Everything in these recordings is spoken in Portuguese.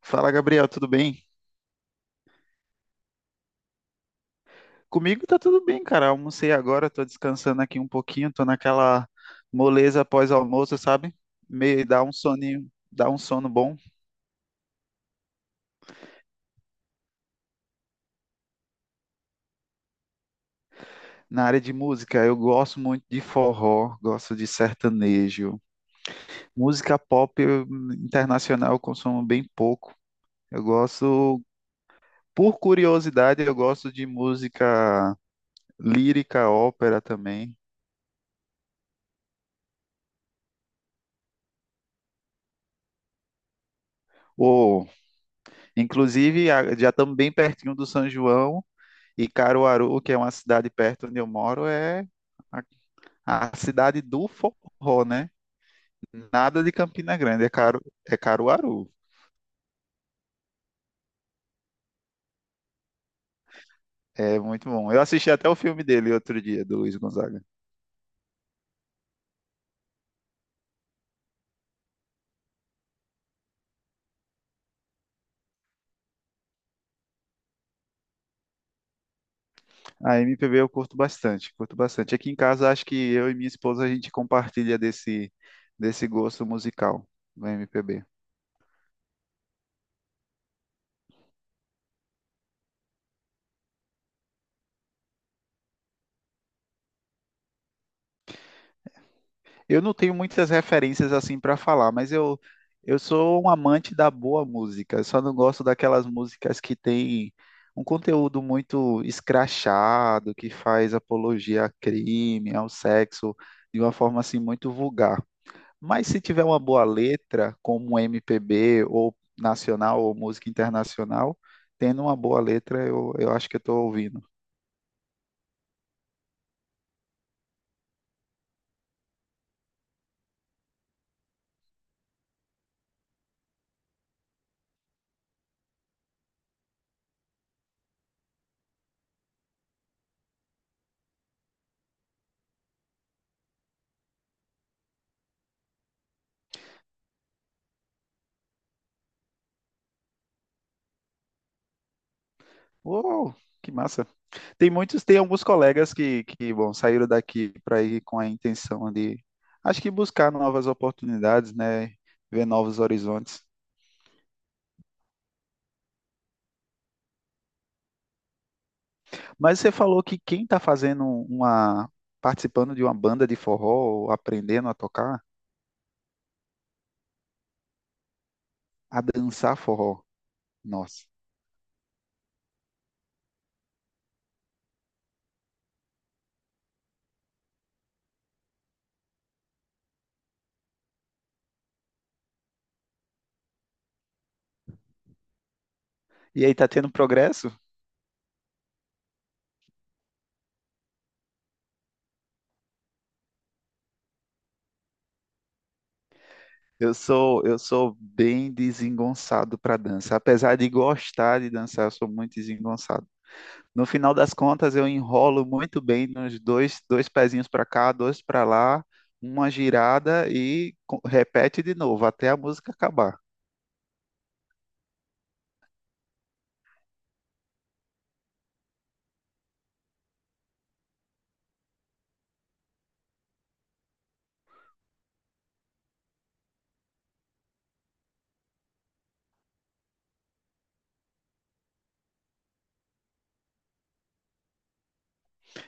Fala, Gabriel, tudo bem? Comigo tá tudo bem, cara. Almocei agora, tô descansando aqui um pouquinho, tô naquela moleza pós-almoço, sabe? Meio dá um soninho, dá um sono bom. Na área de música, eu gosto muito de forró, gosto de sertanejo. Música pop eu- Internacional eu consumo bem pouco. Eu gosto, por curiosidade, eu gosto de música lírica, ópera também. Ou, inclusive, já estamos bem pertinho do São João. E Caruaru, que é uma cidade perto onde eu moro, é a cidade do forró, né? Nada de Campina Grande, é, Caru, é Caruaru. É muito bom. Eu assisti até o filme dele outro dia, do Luiz Gonzaga. A MPB eu curto bastante, curto bastante. Aqui em casa, acho que eu e minha esposa, a gente compartilha desse gosto musical do MPB. Eu não tenho muitas referências assim para falar, mas eu sou um amante da boa música. Eu só não gosto daquelas músicas que têm um conteúdo muito escrachado, que faz apologia a crime, ao sexo, de uma forma assim muito vulgar. Mas se tiver uma boa letra, como MPB ou nacional ou música internacional, tendo uma boa letra, eu acho que eu estou ouvindo. Uou, que massa! Tem muitos, tem alguns colegas que bom, saíram daqui para ir com a intenção de, acho que buscar novas oportunidades, né? Ver novos horizontes. Mas você falou que quem está fazendo uma, participando de uma banda de forró, ou aprendendo a tocar, a dançar forró, nossa. E aí, tá tendo progresso? Eu sou bem desengonçado para dança. Apesar de gostar de dançar, eu sou muito desengonçado. No final das contas, eu enrolo muito bem nos dois, dois pezinhos para cá, dois para lá, uma girada e repete de novo até a música acabar.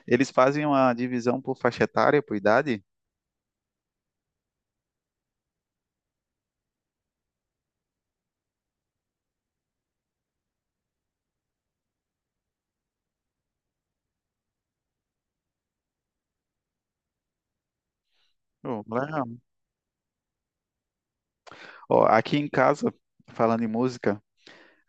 Eles fazem uma divisão por faixa etária, por idade? Oh, legal. Ó, aqui em casa, falando em música,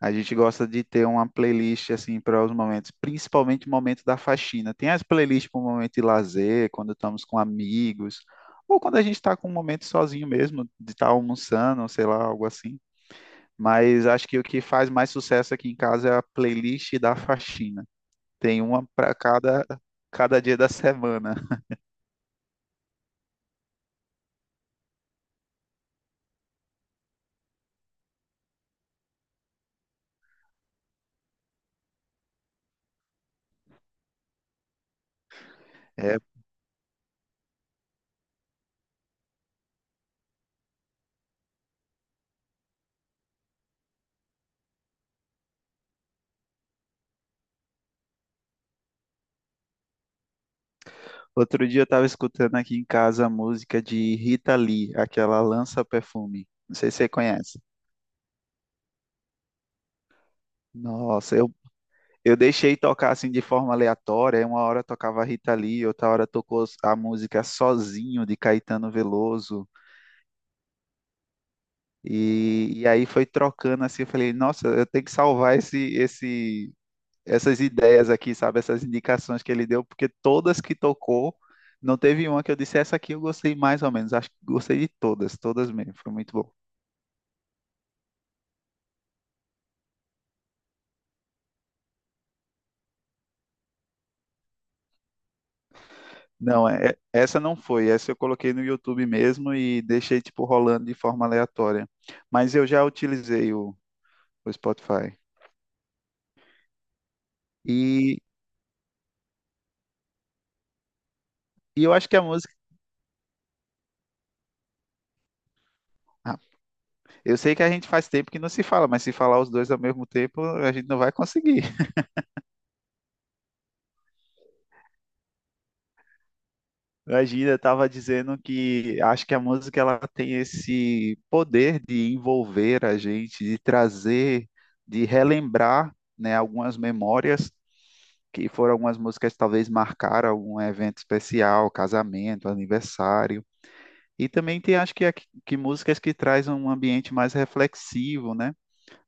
a gente gosta de ter uma playlist assim para os momentos, principalmente o momento da faxina. Tem as playlists para o momento de lazer, quando estamos com amigos, ou quando a gente está com um momento sozinho mesmo, de estar almoçando, sei lá, algo assim. Mas acho que o que faz mais sucesso aqui em casa é a playlist da faxina. Tem uma para cada, cada dia da semana. É, outro dia eu estava escutando aqui em casa a música de Rita Lee, aquela Lança Perfume. Não sei se você conhece. Nossa, eu, eu deixei tocar assim de forma aleatória. Aí uma hora tocava Rita Lee, outra hora tocou a música Sozinho de Caetano Veloso. E aí foi trocando assim. Eu falei, nossa, eu tenho que salvar esse essas ideias aqui, sabe? Essas indicações que ele deu, porque todas que tocou, não teve uma que eu disse, essa aqui eu gostei mais ou menos. Acho que gostei de todas, todas mesmo. Foi muito bom. Não, essa não foi. Essa eu coloquei no YouTube mesmo e deixei, tipo, rolando de forma aleatória. Mas eu já utilizei o Spotify. E, e eu acho que a música. Ah, eu sei que a gente faz tempo que não se fala, mas se falar os dois ao mesmo tempo, a gente não vai conseguir. Imagina, estava dizendo que acho que a música ela tem esse poder de envolver a gente, de trazer, de relembrar, né, algumas memórias que foram algumas músicas que talvez marcaram algum evento especial, casamento, aniversário. E também tem acho que músicas que trazem um ambiente mais reflexivo, né?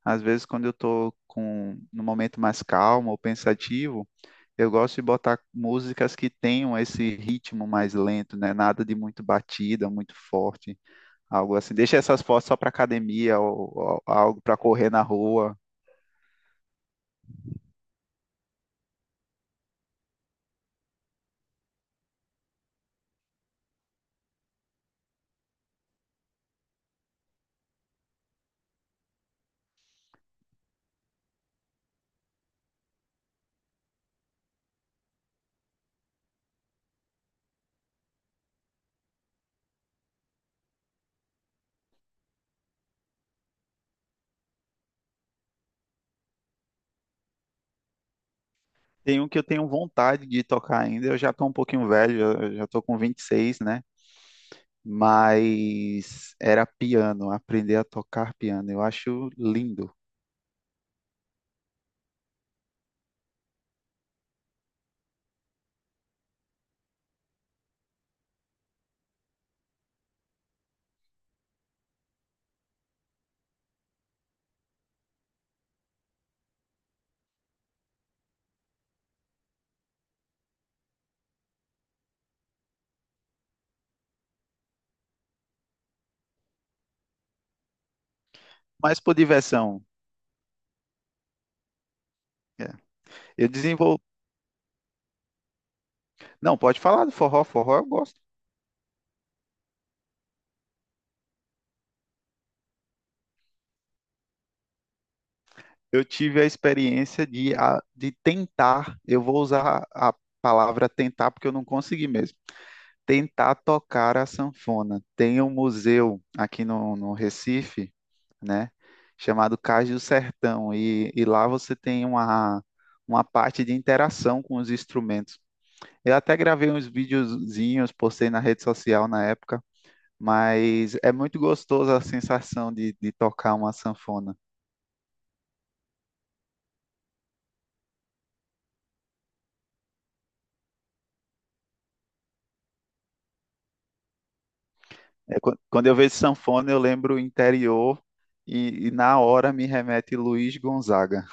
Às vezes quando eu estou com num momento mais calmo ou pensativo, eu gosto de botar músicas que tenham esse ritmo mais lento, né? Nada de muito batida, muito forte, algo assim. Deixa essas fotos só para academia ou algo para correr na rua. Tem um que eu tenho vontade de tocar ainda. Eu já tô um pouquinho velho, eu já tô com 26, né? Mas era piano, aprender a tocar piano. Eu acho lindo. Mas por diversão. É. Eu desenvolvo. Não, pode falar do forró. Forró eu gosto. Eu tive a experiência de, de tentar, eu vou usar a palavra tentar porque eu não consegui mesmo, tentar tocar a sanfona. Tem um museu aqui no Recife, né, chamado Cais do Sertão, e lá você tem uma parte de interação com os instrumentos. Eu até gravei uns videozinhos, postei na rede social na época, mas é muito gostoso a sensação de tocar uma sanfona. É, quando eu vejo sanfona, eu lembro interior e na hora me remete Luiz Gonzaga.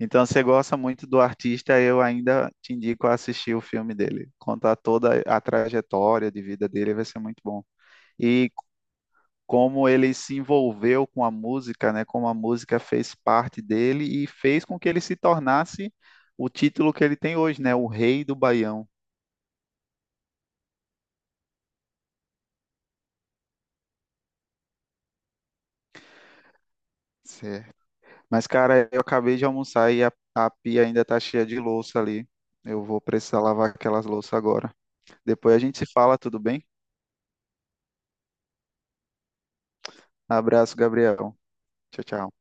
Então, se você gosta muito do artista, eu ainda te indico a assistir o filme dele. Contar toda a trajetória de vida dele, vai ser muito bom. E como ele se envolveu com a música, né? Como a música fez parte dele e fez com que ele se tornasse o título que ele tem hoje, né? O Rei do Baião. Mas, cara, eu acabei de almoçar e a pia ainda tá cheia de louça ali. Eu vou precisar lavar aquelas louças agora. Depois a gente se fala, tudo bem? Abraço, Gabriel. Tchau, tchau.